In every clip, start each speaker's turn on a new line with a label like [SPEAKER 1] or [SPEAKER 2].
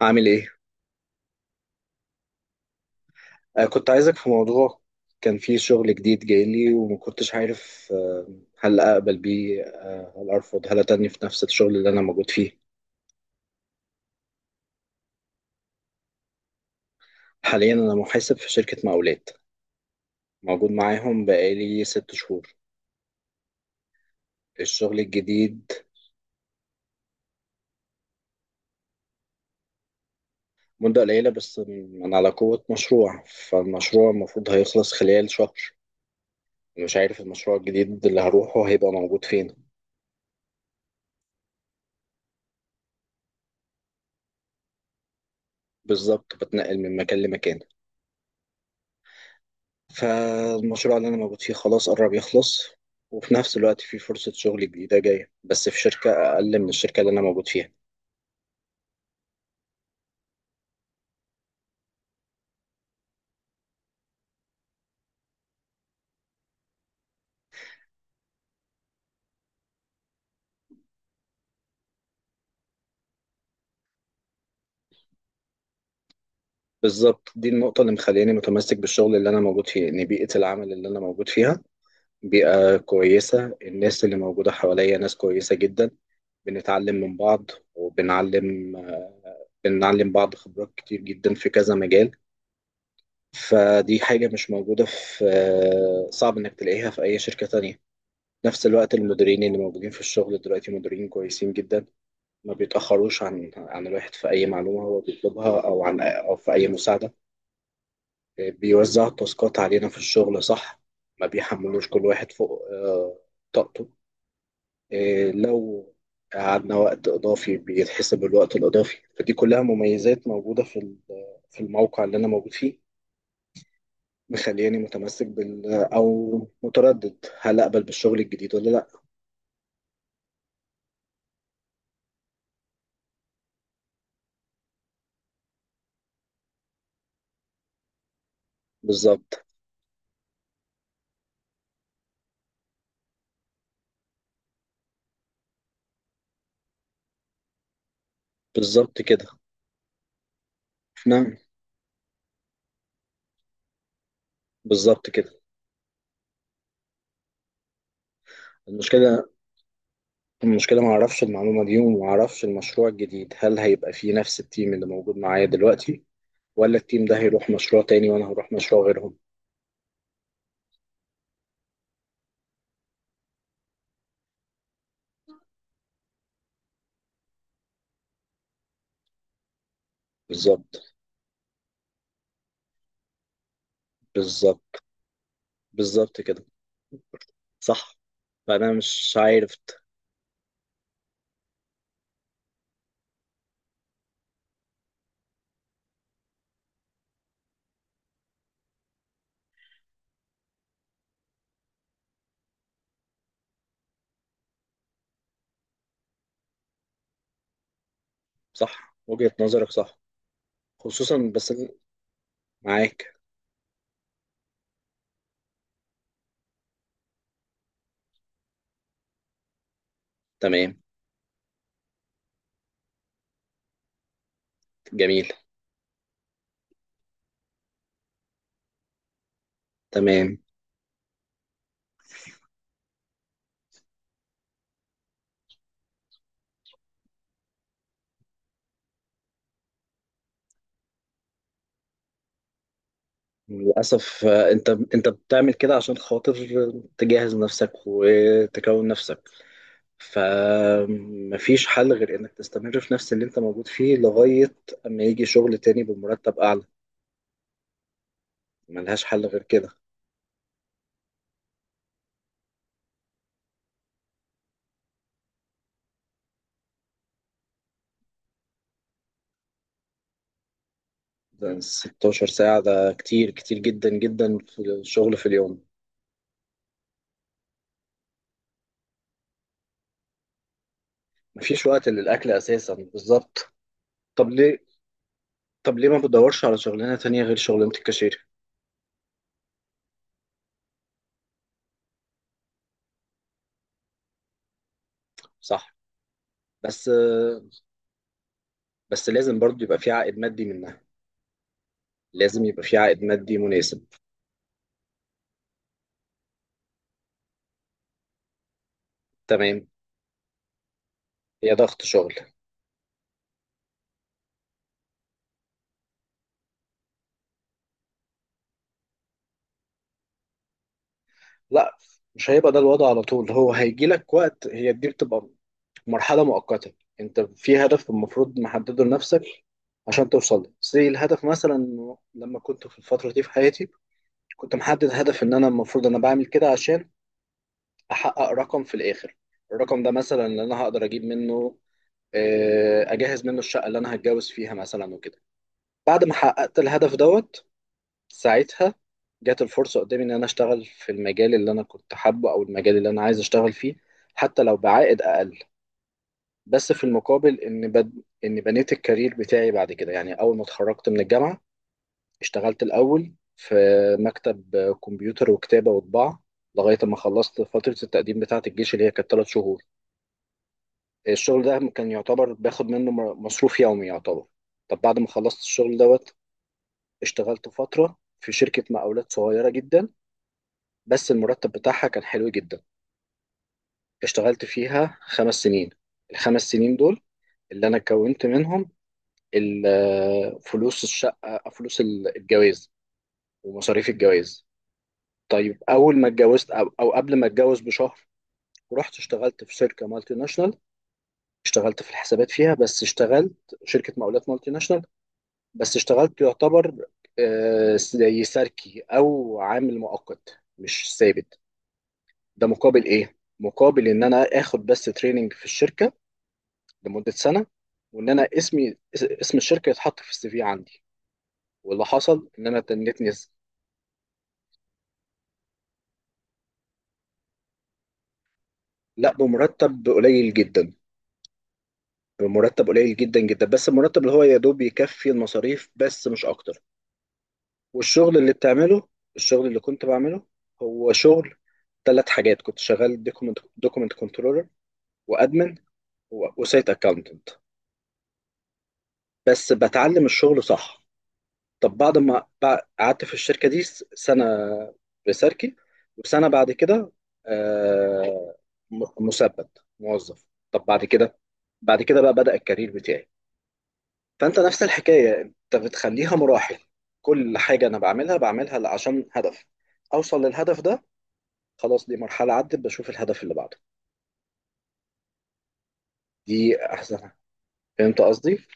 [SPEAKER 1] عامل ايه؟ كنت عايزك في موضوع. كان فيه شغل جديد جاي لي وما كنتش عارف، هل اقبل بيه، هل ارفض، هل اتني في نفس الشغل اللي انا موجود فيه؟ حاليا انا محاسب في شركة مقاولات، موجود معاهم بقالي 6 شهور. الشغل الجديد مدة قليلة، بس من على قوة مشروع. فالمشروع المفروض هيخلص خلال شهر. مش عارف المشروع الجديد اللي هروحه هيبقى موجود فين. بالظبط، بتنقل من مكان لمكان. فالمشروع اللي أنا موجود فيه خلاص قرب يخلص، وفي نفس الوقت في فرصة شغل جديدة جاية، بس في شركة أقل من الشركة اللي أنا موجود فيها. بالظبط، دي النقطة اللي مخلياني متمسك بالشغل اللي أنا موجود فيه، إن بيئة العمل اللي أنا موجود فيها بيئة كويسة. الناس اللي موجودة حواليا ناس كويسة جدا. بنتعلم من بعض وبنعلم. بنعلم بعض خبرات كتير جدا في كذا مجال. فدي حاجة مش موجودة في، صعب إنك تلاقيها في أي شركة تانية. نفس الوقت، المديرين اللي موجودين في الشغل دلوقتي مديرين كويسين جدا. ما بيتأخروش عن الواحد في أي معلومة هو بيطلبها، أو في أي مساعدة. بيوزع التاسكات علينا في الشغل صح. ما بيحملوش كل واحد فوق طاقته. لو قعدنا وقت إضافي بيتحسب الوقت الإضافي، فدي كلها مميزات موجودة في الموقع اللي أنا موجود فيه. مخلياني متمسك أو متردد، هل أقبل بالشغل الجديد ولا لأ؟ بالظبط. بالظبط كده. نعم. بالظبط كده. المشكلة المشكلة ما اعرفش المعلومة دي، وما اعرفش المشروع الجديد هل هيبقى فيه نفس التيم اللي موجود معايا دلوقتي، ولا التيم ده هيروح مشروع تاني وانا هروح مشروع غيرهم. بالظبط. بالظبط. بالظبط كده. صح. فانا مش عارف. صح، وجهة نظرك صح، خصوصا بس أنا معاك. تمام. جميل. تمام. للأسف انت بتعمل كده عشان خاطر تجهز نفسك وتكون نفسك. فمفيش حل غير انك تستمر في نفس اللي انت موجود فيه لغاية اما يجي شغل تاني بمرتب اعلى. ملهاش حل غير كده. ده 16 ساعة، ده كتير كتير جدا جدا في الشغل في اليوم. مفيش وقت للأكل أساسا، بالظبط. طب ليه؟ طب ليه ما بدورش على شغلانة تانية غير شغلانة الكاشير؟ صح. بس بس لازم برضو يبقى في عائد مادي منها. لازم يبقى في عائد مادي مناسب. تمام. هي ضغط شغل. لا، مش هيبقى ده الوضع على طول. هو هيجي لك وقت، هي دي بتبقى مرحلة مؤقتة. انت في هدف المفروض محدده لنفسك عشان توصل له. زي الهدف مثلا، إنه لما كنت في الفترة دي في حياتي كنت محدد هدف ان انا المفروض انا بعمل كده عشان احقق رقم في الاخر. الرقم ده مثلا اللي انا هقدر اجيب منه، اجهز منه الشقة اللي انا هتجوز فيها مثلا وكده. بعد ما حققت الهدف دوت، ساعتها جات الفرصة قدامي ان انا اشتغل في المجال اللي انا كنت حابه او المجال اللي انا عايز اشتغل فيه حتى لو بعائد اقل، بس في المقابل ان ان بنيت الكارير بتاعي بعد كده. يعني اول ما اتخرجت من الجامعه، اشتغلت الاول في مكتب كمبيوتر وكتابه وطباعه لغايه ما خلصت فتره التقديم بتاعه الجيش اللي هي كانت 3 شهور. الشغل ده كان يعتبر باخد منه مصروف يومي يعتبر. طب بعد ما خلصت الشغل دوت، اشتغلت فتره في شركه مقاولات صغيره جدا بس المرتب بتاعها كان حلو جدا. اشتغلت فيها 5 سنين. الخمس سنين دول اللي انا كونت منهم فلوس الشقة، فلوس الجواز ومصاريف الجواز. طيب أول ما اتجوزت أو قبل ما اتجوز بشهر، رحت اشتغلت في شركة مالتي ناشونال. اشتغلت في الحسابات فيها، بس اشتغلت شركة مقاولات مالتي ناشونال. بس اشتغلت يعتبر زي ساركي أو عامل مؤقت مش ثابت. ده مقابل إيه؟ مقابل إن أنا آخد بس تريننج في الشركة لمدة سنة، وإن أنا اسمي اسم الشركة يتحط في السي في عندي. واللي حصل ان انا تنتني. لا، بمرتب قليل جدا. بمرتب قليل جدا جدا، بس المرتب اللي هو يا دوب يكفي المصاريف بس مش اكتر. والشغل اللي بتعمله، الشغل اللي كنت بعمله هو شغل ثلاث حاجات. كنت شغال دوكمنت كنترولر وادمن وسايت اكاونتنت. بس بتعلم الشغل صح. طب بعد ما قعدت في الشركة دي سنة ريسيركي، وسنة بعد كده آه، مثبت موظف. طب بعد كده، بعد كده بقى بدأ الكارير بتاعي. فانت نفس الحكايه، انت بتخليها مراحل. كل حاجه انا بعملها عشان هدف اوصل للهدف ده. خلاص دي مرحله عدت، بشوف الهدف اللي بعده. دي احسن. فهمت قصدي.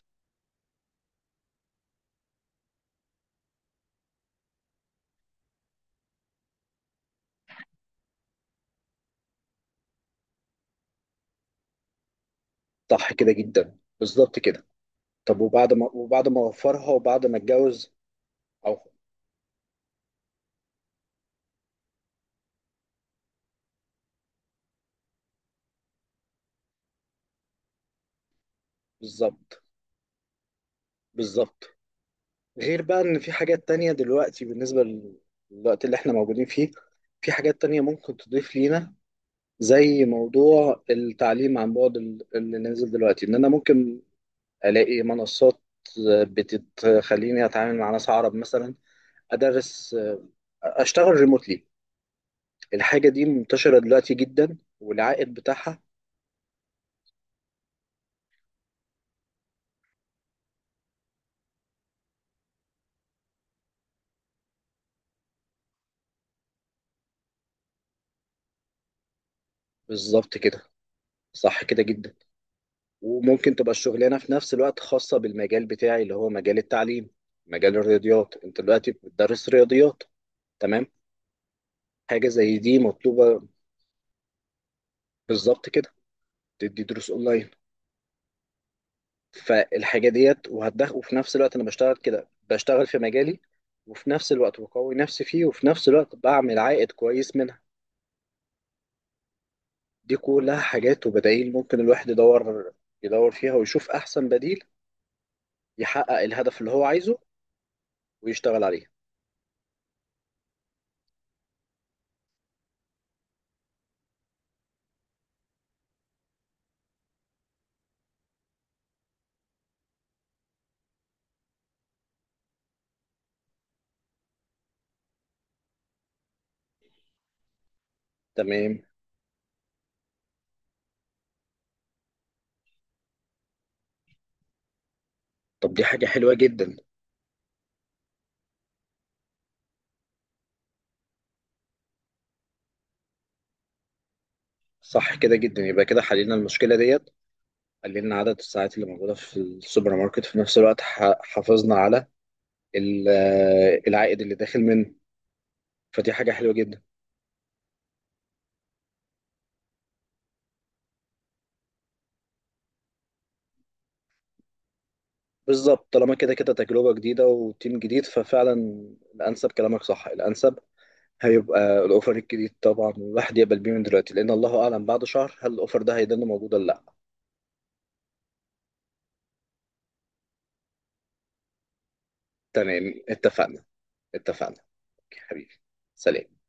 [SPEAKER 1] صح كده جدا، بالظبط كده. طب وبعد ما اوفرها وبعد ما اتجوز، او بالظبط. بالظبط. غير بقى ان في حاجات تانية دلوقتي بالنسبه للوقت اللي احنا موجودين فيه. في حاجات تانية ممكن تضيف لينا زي موضوع التعليم عن بعد اللي نازل دلوقتي، ان انا ممكن الاقي منصات بتخليني اتعامل مع ناس عرب مثلا. ادرس. اشتغل ريموتلي. الحاجه دي منتشره دلوقتي جدا، والعائد بتاعها. بالظبط كده. صح كده جدا. وممكن تبقى الشغلانه في نفس الوقت خاصه بالمجال بتاعي اللي هو مجال التعليم، مجال الرياضيات. انت دلوقتي بتدرس رياضيات. تمام. حاجه زي دي مطلوبه. بالظبط كده. تدي دروس اونلاين. فالحاجه ديت وهتدخل، وفي نفس الوقت انا بشتغل كده، بشتغل في مجالي، وفي نفس الوقت بقوي نفسي فيه، وفي نفس الوقت بعمل عائد كويس منها. دي كلها حاجات وبدائل ممكن الواحد يدور، يدور فيها ويشوف احسن بديل يحقق الهدف اللي هو عايزه ويشتغل عليه. تمام. طب دي حاجة حلوة جدا. صح كده جدا، يبقى كده حلينا المشكلة ديت. قللنا عدد الساعات اللي موجودة في السوبر ماركت، في نفس الوقت حافظنا على ال- العائد اللي داخل منه. فدي حاجة حلوة جدا. بالظبط، طالما كده كده تجربة جديدة وتيم جديد، ففعلا الأنسب كلامك صح. الأنسب هيبقى الأوفر الجديد طبعا، والواحد يقبل بيه من دلوقتي، لأن الله أعلم بعد شهر هل الأوفر ده هيضل موجود ولا لأ. تمام، اتفقنا. اتفقنا. أوكي، حبيبي. سلام.